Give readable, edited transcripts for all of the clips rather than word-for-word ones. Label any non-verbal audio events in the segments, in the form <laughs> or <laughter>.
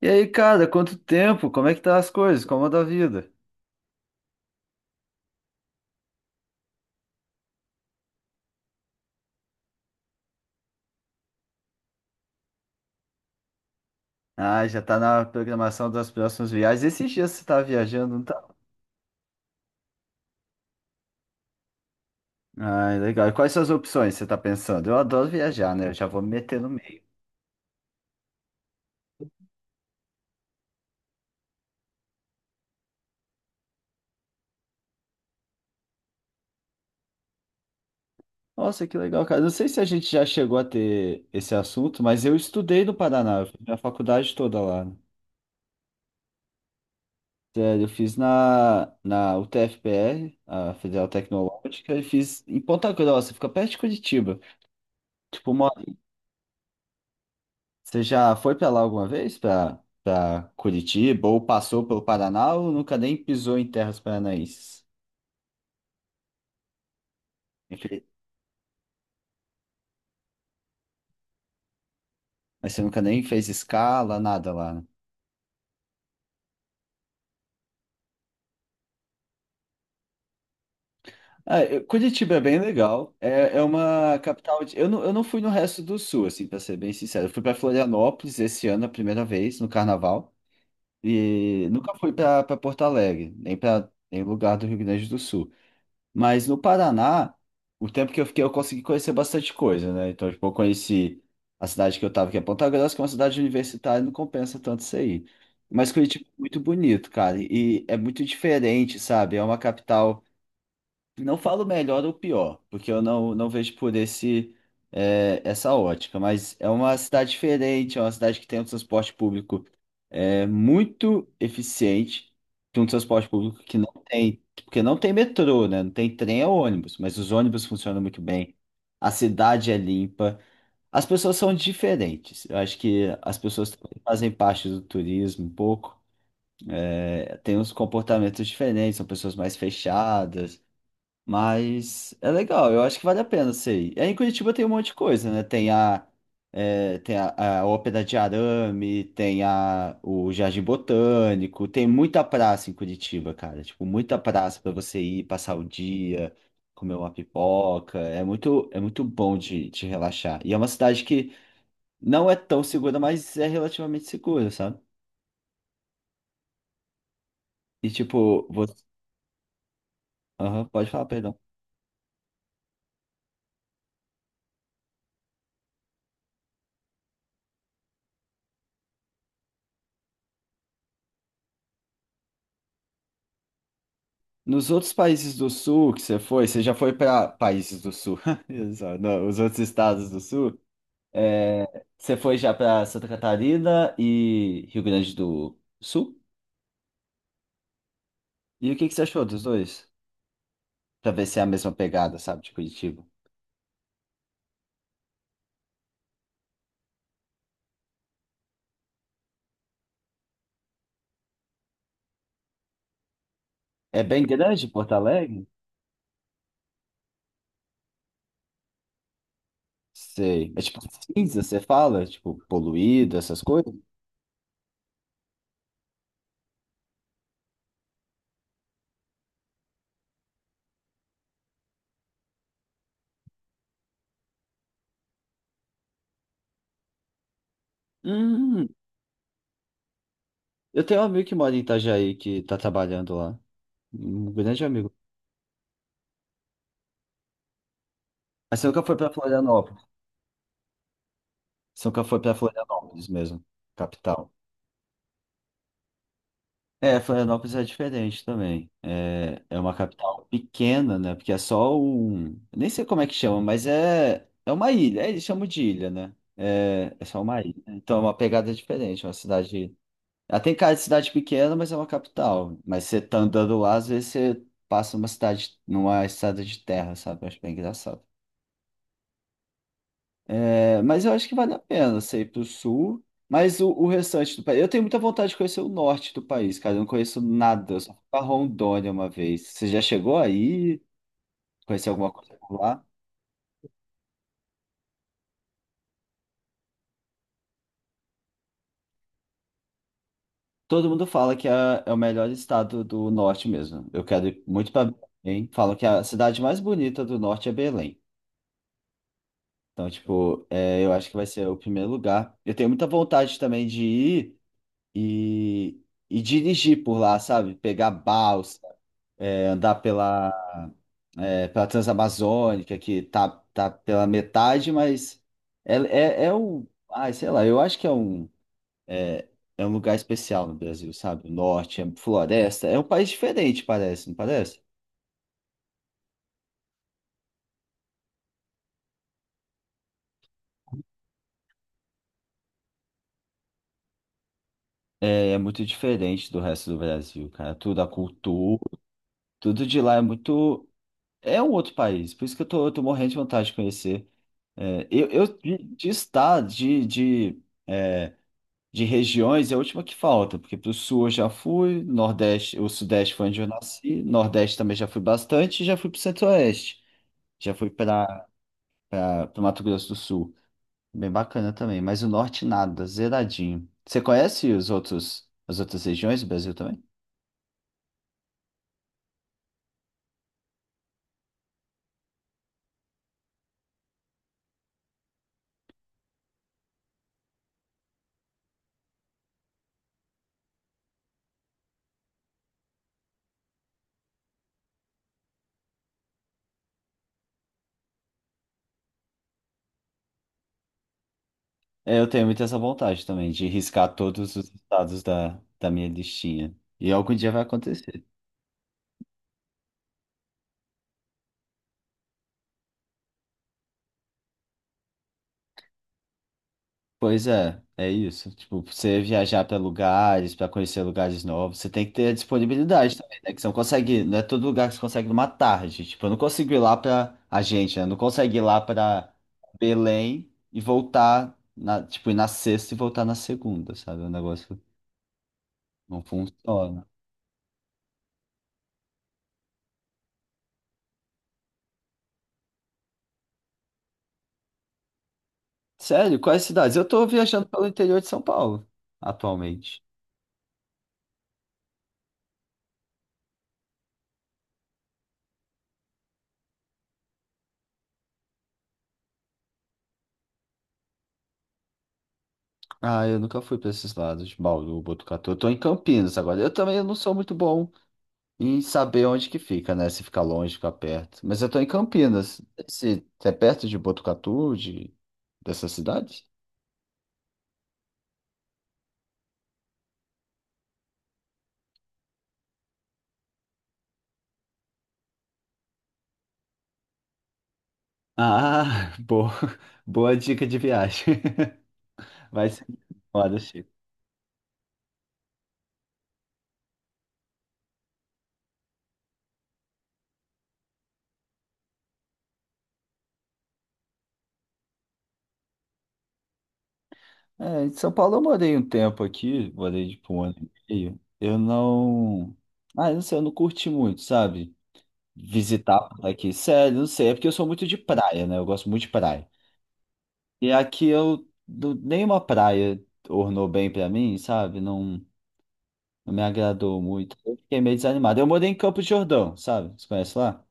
E aí, cara, quanto tempo? Como é que tá as coisas? Como anda a vida? Ah, já tá na programação das próximas viagens. Esses dias você tá viajando, não tá? Ah, legal. E quais são as opções que você tá pensando? Eu adoro viajar, né? Eu já vou me meter no meio. Nossa, que legal, cara. Não sei se a gente já chegou a ter esse assunto, mas eu estudei no Paraná. Eu fiz minha faculdade toda lá, né? Sério, eu fiz na UTFPR, a Federal Tecnológica, e fiz em Ponta Grossa, fica perto de Curitiba. Tipo, uma Você já foi para lá alguma vez? Para Curitiba ou passou pelo Paraná ou nunca nem pisou em terras paranaenses? Enfim. Mas você nunca nem fez escala, nada lá, né? Curitiba é bem legal. É uma capital. Eu não fui no resto do sul, assim, para ser bem sincero. Eu fui para Florianópolis esse ano a primeira vez, no carnaval. E nunca fui para Porto Alegre, nem para nem lugar do Rio Grande do Sul. Mas no Paraná, o tempo que eu fiquei, eu consegui conhecer bastante coisa, né? Então, tipo, eu conheci a cidade que eu tava, que é Ponta Grossa, que é uma cidade universitária, não compensa tanto isso aí. Mas Curitiba é muito bonito, cara, e é muito diferente, sabe? É uma capital. Não falo melhor ou pior, porque eu não vejo por essa ótica, mas é uma cidade diferente, é uma cidade que tem um transporte público muito eficiente, tem um transporte público que não tem, porque não tem metrô, né? Não tem trem ou ônibus, mas os ônibus funcionam muito bem, a cidade é limpa, as pessoas são diferentes. Eu acho que as pessoas também fazem parte do turismo um pouco, tem uns comportamentos diferentes, são pessoas mais fechadas. Mas é legal, eu acho que vale a pena sei. E aí em Curitiba tem um monte de coisa, né? Tem a Ópera de Arame, tem o Jardim Botânico, tem muita praça em Curitiba, cara. Tipo, muita praça para você ir, passar o dia, comer uma pipoca. É muito bom de relaxar. E é uma cidade que não é tão segura, mas é relativamente segura, sabe? E tipo, você... Aham, pode falar, perdão. Nos outros países do sul que você foi, você já foi para países do sul, <laughs> exato, não, os outros estados do sul, você foi já para Santa Catarina e Rio Grande do Sul? E o que que você achou dos dois? Para ver se é a mesma pegada, sabe, de Curitiba. É bem grande Porto Alegre? Sei. É tipo cinza, você fala? Tipo, poluído, essas coisas? Hum, eu tenho um amigo que mora em Itajaí que tá trabalhando lá. Um grande amigo. Mas você nunca foi para Florianópolis? Você nunca foi para Florianópolis mesmo, capital. É, Florianópolis é diferente também. É uma capital pequena, né? Porque é só um. Nem sei como é que chama, mas é uma ilha. É, eles chamam de ilha, né? É só uma ilha, né? Então é uma pegada diferente. É uma cidade. Ela tem cara de cidade pequena, mas é uma capital. Mas você tá andando lá, às vezes você passa numa cidade, numa estrada de terra, sabe? Eu acho bem engraçado. É, mas eu acho que vale a pena você ir pro sul, mas o restante do país. Eu tenho muita vontade de conhecer o norte do país, cara. Eu não conheço nada, eu só fui pra Rondônia uma vez. Você já chegou aí? Conheceu alguma coisa por lá? Todo mundo fala que é o melhor estado do norte mesmo. Eu quero ir muito pra Belém. Falam que a cidade mais bonita do norte é Belém. Então, tipo, eu acho que vai ser o primeiro lugar. Eu tenho muita vontade também de ir e, e dirigir por lá, sabe? Pegar balsa, andar pela Transamazônica, que tá pela metade, mas é um. Ai, sei lá, eu acho que é, é um lugar especial no Brasil, sabe? O norte, é floresta. É um país diferente, parece, não parece? É muito diferente do resto do Brasil, cara. Tudo, a cultura, tudo de lá é muito. É um outro país, por isso que eu tô morrendo de vontade de conhecer. É, eu de estado, de regiões é a última que falta, porque para o sul eu já fui, Nordeste, o Sudeste foi onde eu nasci, Nordeste também já fui bastante, e já fui para o Centro-Oeste, já fui para o Mato Grosso do Sul. Bem bacana também, mas o Norte nada, zeradinho. Você conhece os outros, as outras regiões do Brasil também? É, eu tenho muito essa vontade também de riscar todos os estados da minha listinha. E algum dia vai acontecer. Pois é, é isso. Tipo, você viajar para lugares, para conhecer lugares novos, você tem que ter a disponibilidade também, né? Que você não consegue, não é todo lugar que você consegue numa tarde. Tipo, eu não consigo ir lá para a gente, né? Eu não consigo ir lá para Belém e voltar na, tipo, ir na sexta e voltar na segunda, sabe? O negócio não funciona. Sério, quais cidades? Eu tô viajando pelo interior de São Paulo atualmente. Ah, eu nunca fui para esses lados, Bauru, Botucatu. Eu tô em Campinas agora. Eu também não sou muito bom e saber onde que fica, né? Se fica longe, fica perto. Mas eu tô em Campinas. Se é perto de Botucatu, de... dessa cidade? Ah, <laughs> boa dica de viagem. <laughs> Vai ser foda, Chico. É, em São Paulo eu morei um tempo aqui, morei tipo um ano e meio. Eu não. Ah, eu não sei, eu não curti muito, sabe? Visitar por aqui. Sério, não sei. É porque eu sou muito de praia, né? Eu gosto muito de praia. E aqui eu. Não- Nenhuma praia ornou bem pra mim, sabe? Não. Não me agradou muito. Eu fiquei meio desanimado. Eu morei em Campos de Jordão, sabe? Você conhece lá?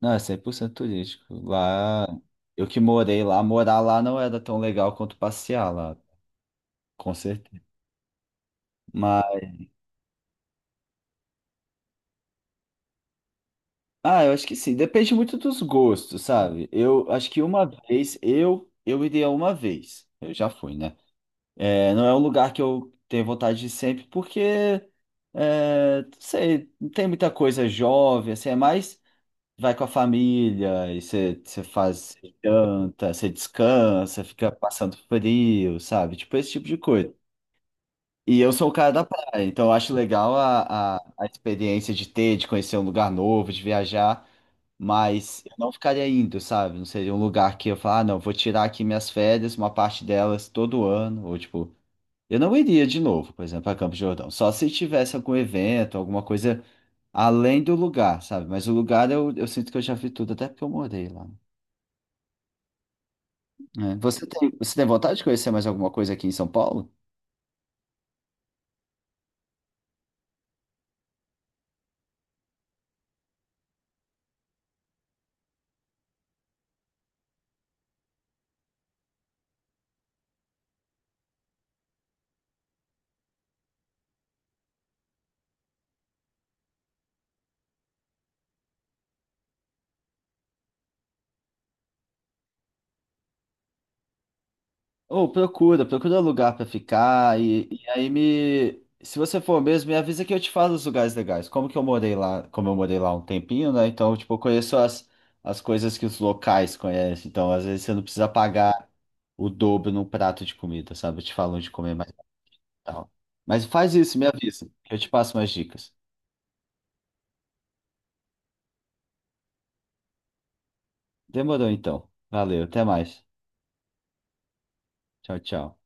Não, é 100% turístico. Lá, eu que morei lá, morar lá não era tão legal quanto passear lá, com certeza. Mas, ah, eu acho que sim. Depende muito dos gostos, sabe? Eu acho que uma vez, eu iria uma vez. Eu já fui, né? É, não é um lugar que eu tenho vontade de ir sempre, porque, não sei, não tem muita coisa jovem, assim, é mais. Vai com a família, e você faz você janta, você descansa, fica passando frio, sabe? Tipo esse tipo de coisa. E eu sou o cara da praia, então eu acho legal a experiência de ter, de conhecer um lugar novo, de viajar, mas eu não ficaria indo, sabe? Não seria um lugar que eu falar, ah, não, vou tirar aqui minhas férias, uma parte delas todo ano, ou tipo, eu não iria de novo, por exemplo, a Campos do Jordão, só se tivesse algum evento, alguma coisa além do lugar, sabe? Mas o lugar eu sinto que eu já vi tudo, até porque eu morei lá. É. Você tem vontade de conhecer mais alguma coisa aqui em São Paulo? Ou procura lugar pra ficar e aí me. Se você for mesmo, me avisa que eu te falo os lugares legais. Como eu morei lá um tempinho, né? Então, tipo, eu conheço as coisas que os locais conhecem. Então, às vezes você não precisa pagar o dobro num prato de comida, sabe? Eu te falo onde comer mais e tal. Mas faz isso, me avisa, que eu te passo mais dicas. Demorou então. Valeu, até mais. Tchau, tchau.